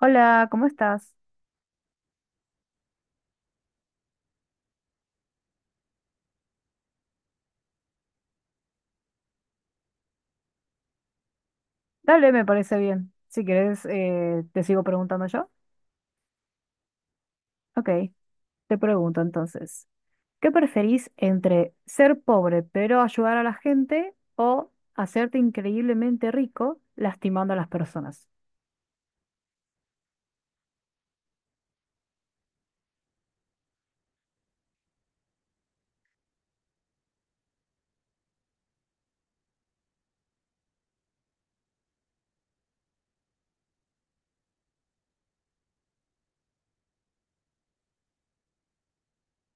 Hola, ¿cómo estás? Dale, me parece bien. Si quieres, te sigo preguntando yo. Ok, te pregunto entonces, ¿qué preferís entre ser pobre pero ayudar a la gente o hacerte increíblemente rico lastimando a las personas?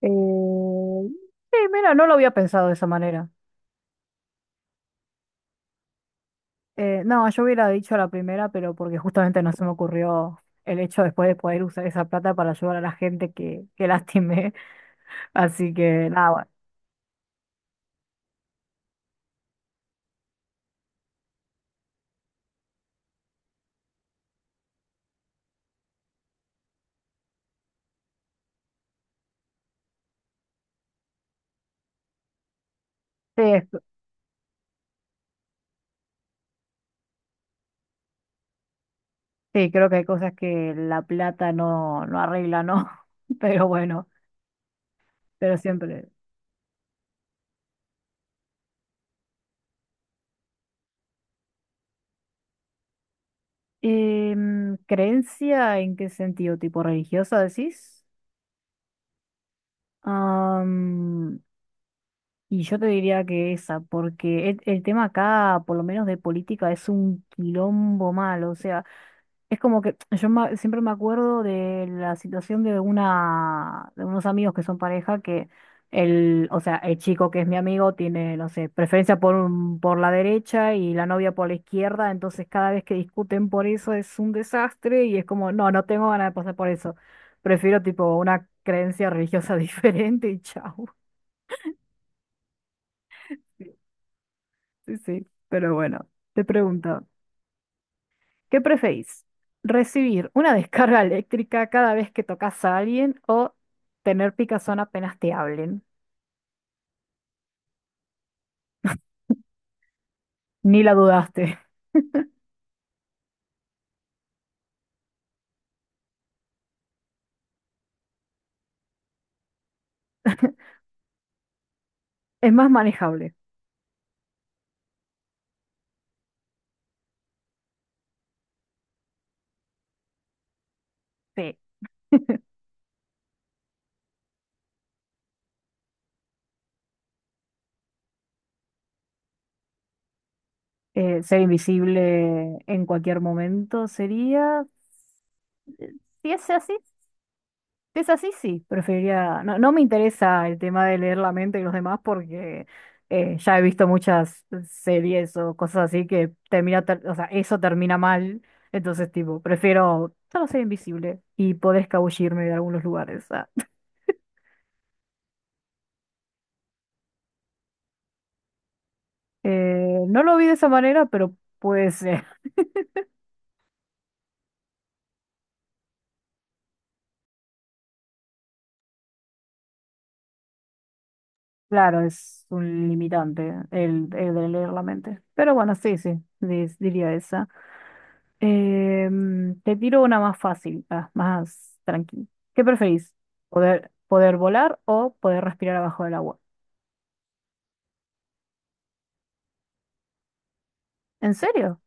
Sí, mira, no lo había pensado de esa manera. No, yo hubiera dicho la primera, pero porque justamente no se me ocurrió el hecho después de poder usar esa plata para ayudar a la gente que lastimé. Así que nada, bueno. Sí, sí, creo que hay cosas que la plata no arregla, ¿no? Pero bueno, pero siempre. ¿Creencia en qué sentido? ¿Tipo religiosa decís? Am, y yo te diría que esa, porque el tema acá, por lo menos de política, es un quilombo malo. O sea, es como que yo siempre me acuerdo de la situación de una de unos amigos que son pareja que o sea, el chico que es mi amigo tiene, no sé, preferencia por por la derecha y la novia por la izquierda, entonces cada vez que discuten por eso es un desastre y es como, no tengo ganas de pasar por eso. Prefiero tipo una creencia religiosa diferente y chau. Sí, sí, sí, pero bueno, te pregunto. ¿Qué preferís? ¿Recibir una descarga eléctrica cada vez que tocas a alguien o tener picazón apenas te hablen? Ni la dudaste. Es más manejable. Sí. Ser invisible en cualquier momento sería... eh, si es así, es así, sí, preferiría, no, no me interesa el tema de leer la mente de los demás porque ya he visto muchas series o cosas así que termina, o sea, eso termina mal, entonces tipo, prefiero solo ser invisible y poder escabullirme de algunos lugares. Ah. No lo vi de esa manera, pero puede ser. Claro, es un limitante el de leer la mente. Pero bueno, sí, sí, diría esa. Te tiro una más fácil, ah, más tranquila. ¿Qué preferís? Poder volar o poder respirar abajo del agua. ¿En serio?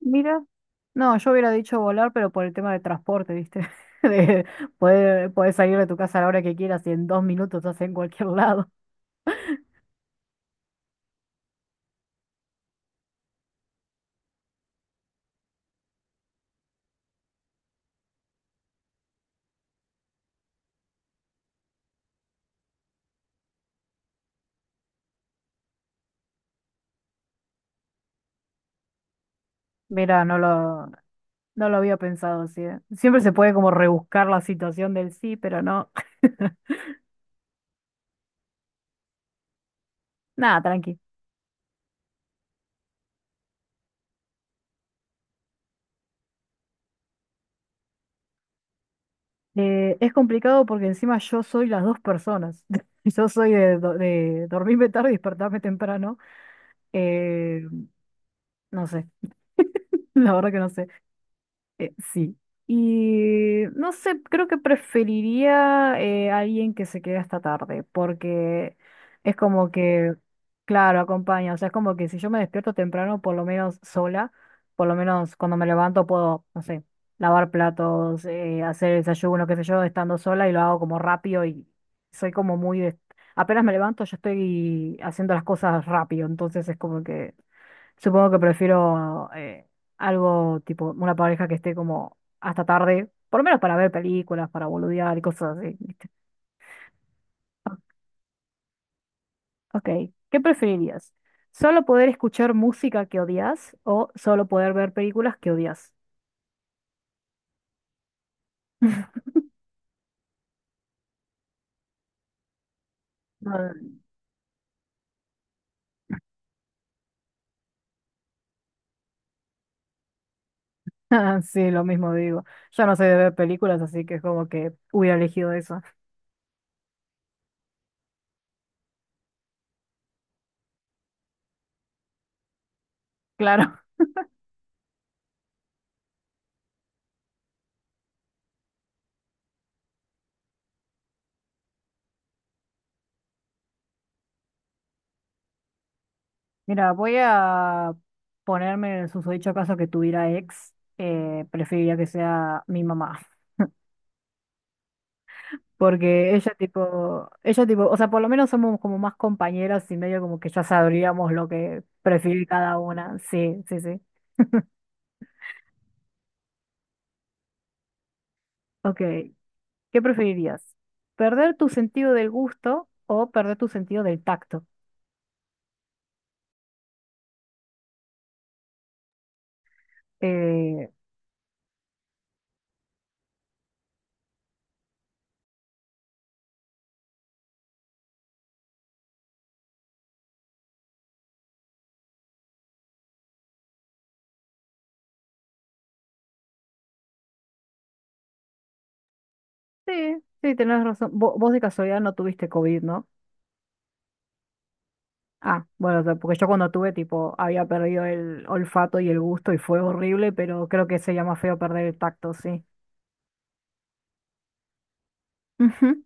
Mira. No, yo hubiera dicho volar, pero por el tema de transporte, ¿viste? De poder salir de tu casa a la hora que quieras y en dos minutos estás en cualquier lado. Mira, no lo había pensado así, ¿eh? Siempre se puede como rebuscar la situación del sí, pero no. Nada, tranqui. Es complicado porque encima yo soy las dos personas. Yo soy de, de dormirme tarde y despertarme temprano. Eh, no sé, la verdad que no sé. Sí. Y no sé, creo que preferiría alguien que se quede hasta tarde, porque es como que, claro, acompaña. O sea, es como que si yo me despierto temprano, por lo menos sola, por lo menos cuando me levanto puedo, no sé, lavar platos, hacer desayuno, qué sé yo, estando sola y lo hago como rápido y soy como muy apenas me levanto, yo estoy haciendo las cosas rápido, entonces es como que supongo que prefiero algo tipo una pareja que esté como hasta tarde, por lo menos para ver películas, para boludear y cosas así, ¿viste? Ok, ¿qué preferirías? ¿Solo poder escuchar música que odias o solo poder ver películas que odias? Ah, sí, lo mismo digo. Yo no soy de ver películas, así que es como que hubiera elegido eso. Claro. Mira, voy a ponerme en el susodicho caso que tuviera ex. Eh, preferiría que sea mi mamá. Porque ella tipo, o sea, por lo menos somos como más compañeras y medio como que ya sabríamos lo que prefiere cada una. Sí, sí, sí. Ok, ¿qué preferirías? ¿Perder tu sentido del gusto o perder tu sentido del tacto? Eh, sí, sí, tenés razón. Vos de casualidad no tuviste COVID, ¿no? Ah, bueno, o sea, porque yo cuando tuve, tipo, había perdido el olfato y el gusto y fue horrible, pero creo que sería más feo perder el tacto, sí. Ujú.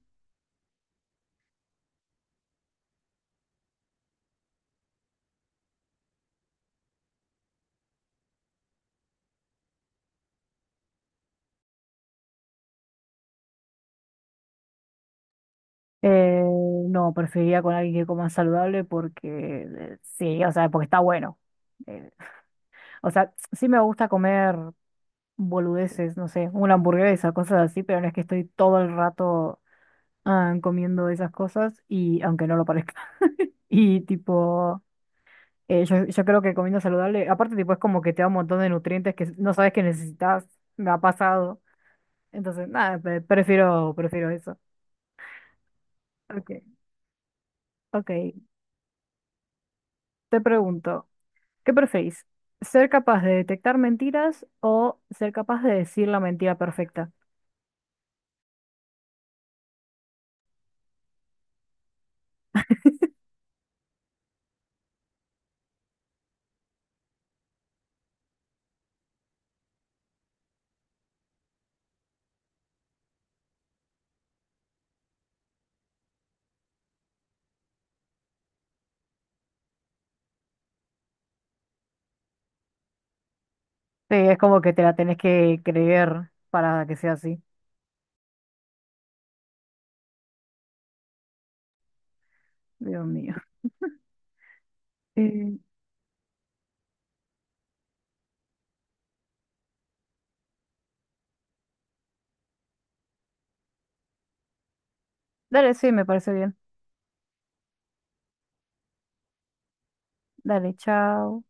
Eh, no, preferiría con alguien que coma saludable porque sí, o sea, porque está bueno. Eh, o sea, sí me gusta comer boludeces, no sé, una hamburguesa, cosas así, pero no es que estoy todo el rato ah, comiendo esas cosas y aunque no lo parezca. Y tipo, yo creo que comiendo saludable, aparte tipo es como que te da un montón de nutrientes que no sabes que necesitas, me ha pasado. Entonces, nada, prefiero eso. Ok, ok. Te pregunto. ¿Qué preferís? ¿Ser capaz de detectar mentiras o ser capaz de decir la mentira perfecta? Sí, es como que te la tenés que creer para que sea así. Dios mío. Eh, dale, sí, me parece bien. Dale, chao.